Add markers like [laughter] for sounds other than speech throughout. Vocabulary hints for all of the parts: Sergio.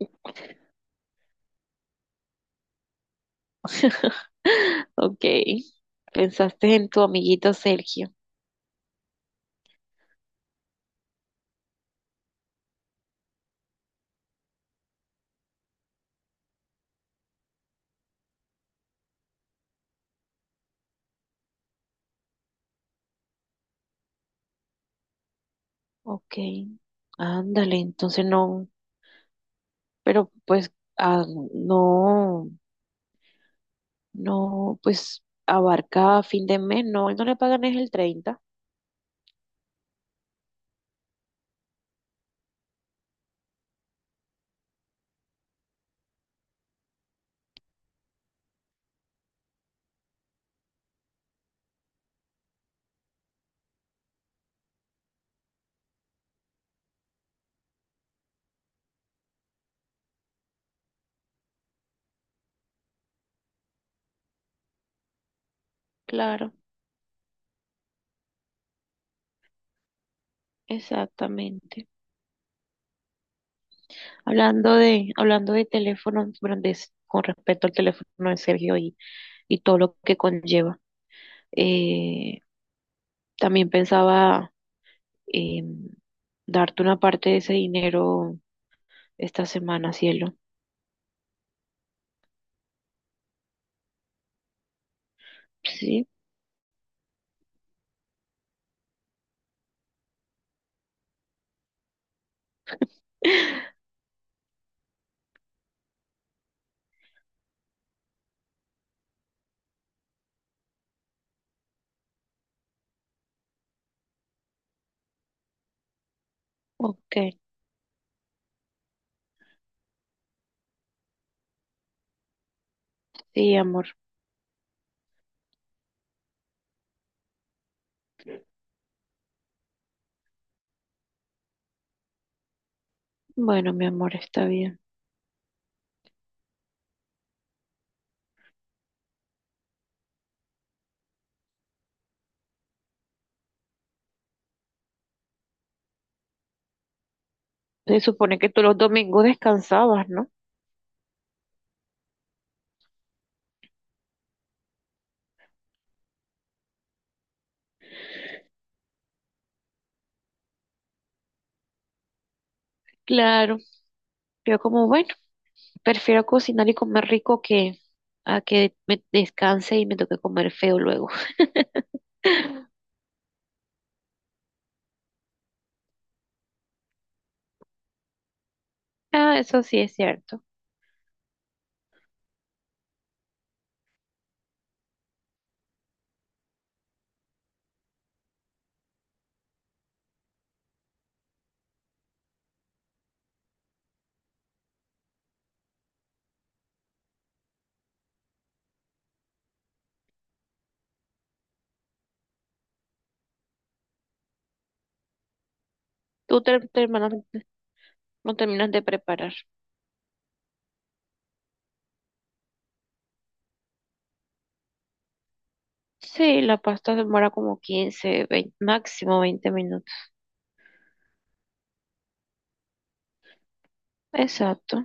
[laughs] Ok, pensaste en tu amiguito Sergio. Ok, ándale, entonces no, pero pues ah, no, no, pues abarca fin de mes, no, ¿él no le pagan es el 30? Claro, exactamente. Hablando de teléfonos grandes, con respecto al teléfono de Sergio y todo lo que conlleva, eh, también pensaba eh, darte una parte de ese dinero esta semana, cielo. Sí, [laughs] ok, sí, amor. Bueno, mi amor, está bien. Se supone que tú los domingos descansabas, ¿no? Claro, yo como, bueno. Prefiero cocinar y comer rico que a que me descanse y me toque comer feo luego. [laughs] Ah, eso sí es cierto. Tú no terminas de preparar. Sí, la pasta demora como 15 20 máximo 20 minutos. Exacto.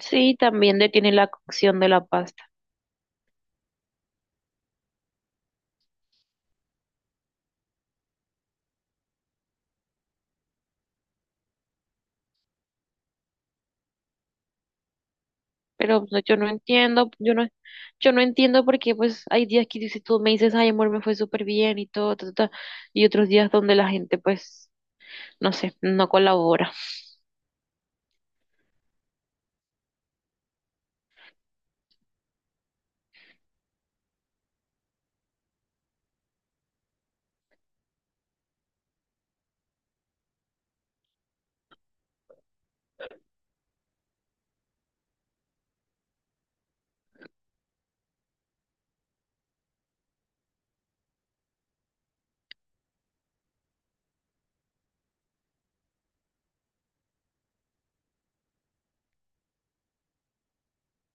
Sí, también detiene la cocción de la pasta. Pero pues, no, yo no entiendo porque pues hay días que si tú me dices, ay amor, me fue súper bien y todo, ta, ta, ta", y otros días donde la gente pues, no sé, no colabora.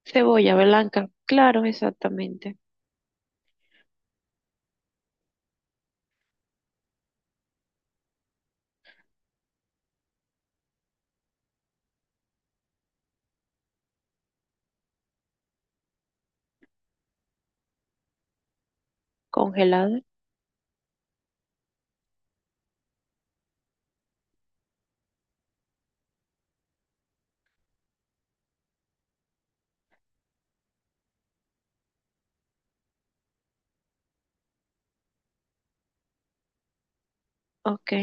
Cebolla blanca, claro, exactamente. Congelada, ok.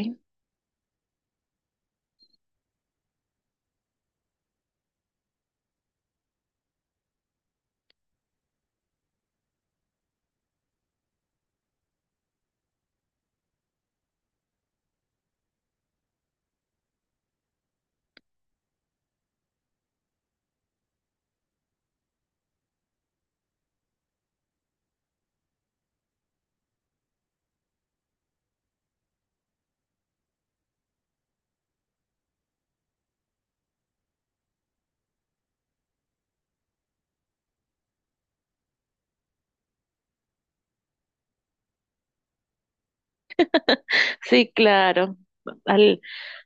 [laughs] Sí, claro. Al-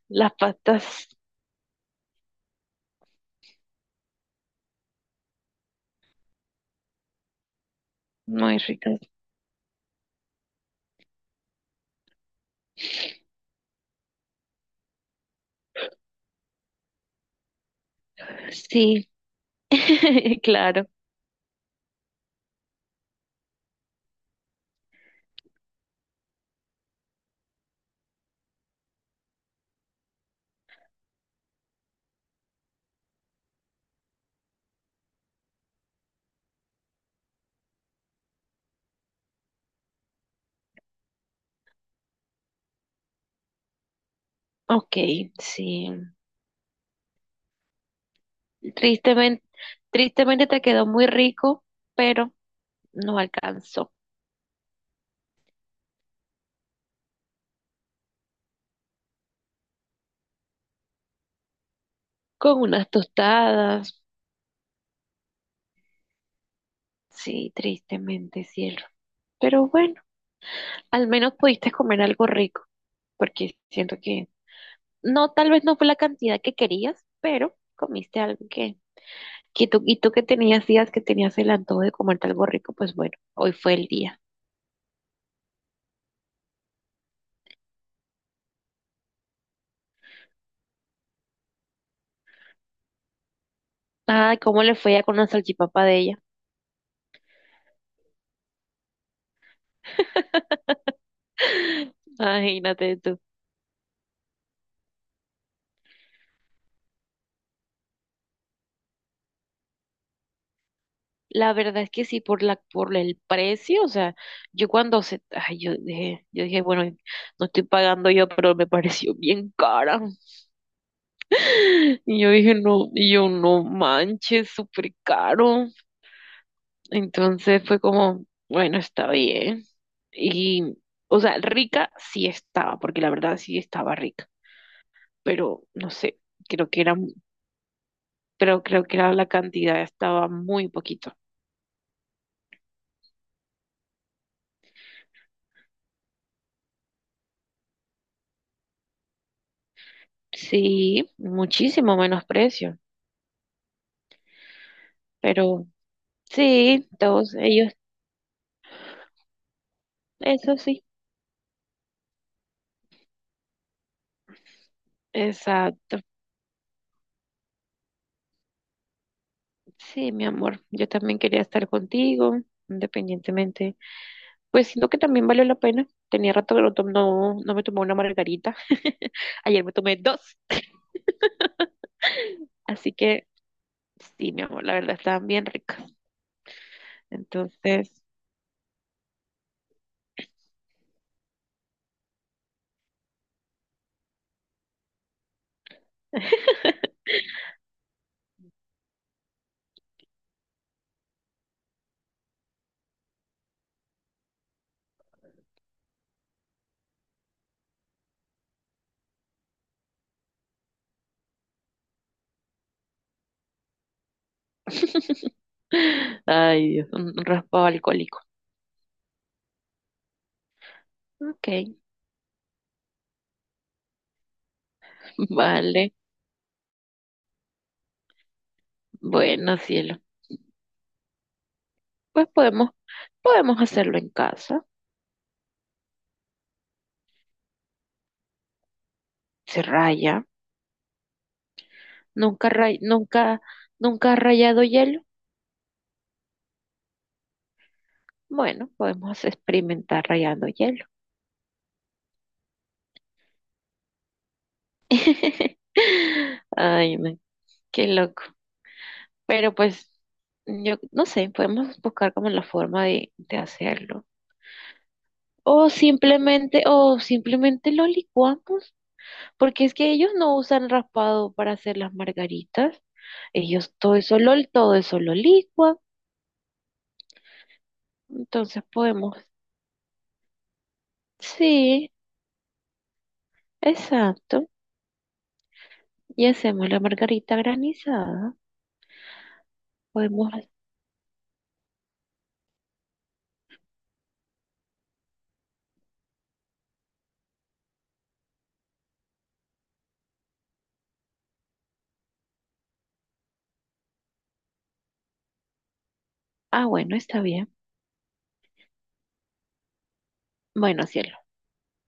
las pastas muy ricas. Sí, [laughs] claro. Ok, sí. Tristemente, tristemente, te quedó muy rico, pero no alcanzó. Con unas tostadas, sí, tristemente, cielo. Pero bueno, al menos pudiste comer algo rico, porque siento que no, tal vez no fue la cantidad que querías, pero comiste algo que tú, y tú que tenías días que tenías el antojo de comerte algo rico, pues bueno, hoy fue el día. Ay, cómo le fue ya con la salchipapa de ella. [laughs] Imagínate tú. La verdad es que sí, por el precio, o sea, ay, yo dije, bueno, no estoy pagando yo, pero me pareció bien cara. [laughs] Y yo dije, no, y yo no manches, súper caro. Entonces fue como, bueno, está bien. Y, o sea, rica sí estaba, porque la verdad sí estaba rica, pero no sé, creo que era, pero creo que era la cantidad estaba muy poquito. Sí, muchísimo menos precio, pero sí, todos ellos, eso sí, exacto. Sí, mi amor, yo también quería estar contigo, independientemente. Pues siento que también valió la pena. Tenía rato que no, no, no me tomé una margarita. Ayer me tomé dos. Así que sí, mi amor, la verdad estaban bien ricas. Entonces, [laughs] ay Dios, un raspado alcohólico. Ok, vale. Bueno, cielo. Pues podemos hacerlo en casa. Se raya. Nunca, nunca, nunca has rayado hielo. Bueno, podemos experimentar rayando hielo. [laughs] Ay, no, qué loco. Pero pues, yo no sé, podemos buscar como la forma de hacerlo. O simplemente lo licuamos, porque es que ellos no usan raspado para hacer las margaritas. Ellos todo eso lo licuan. Entonces podemos, sí, exacto. Y hacemos la margarita granizada. Podemos, ah, bueno, está bien. Bueno, cielo.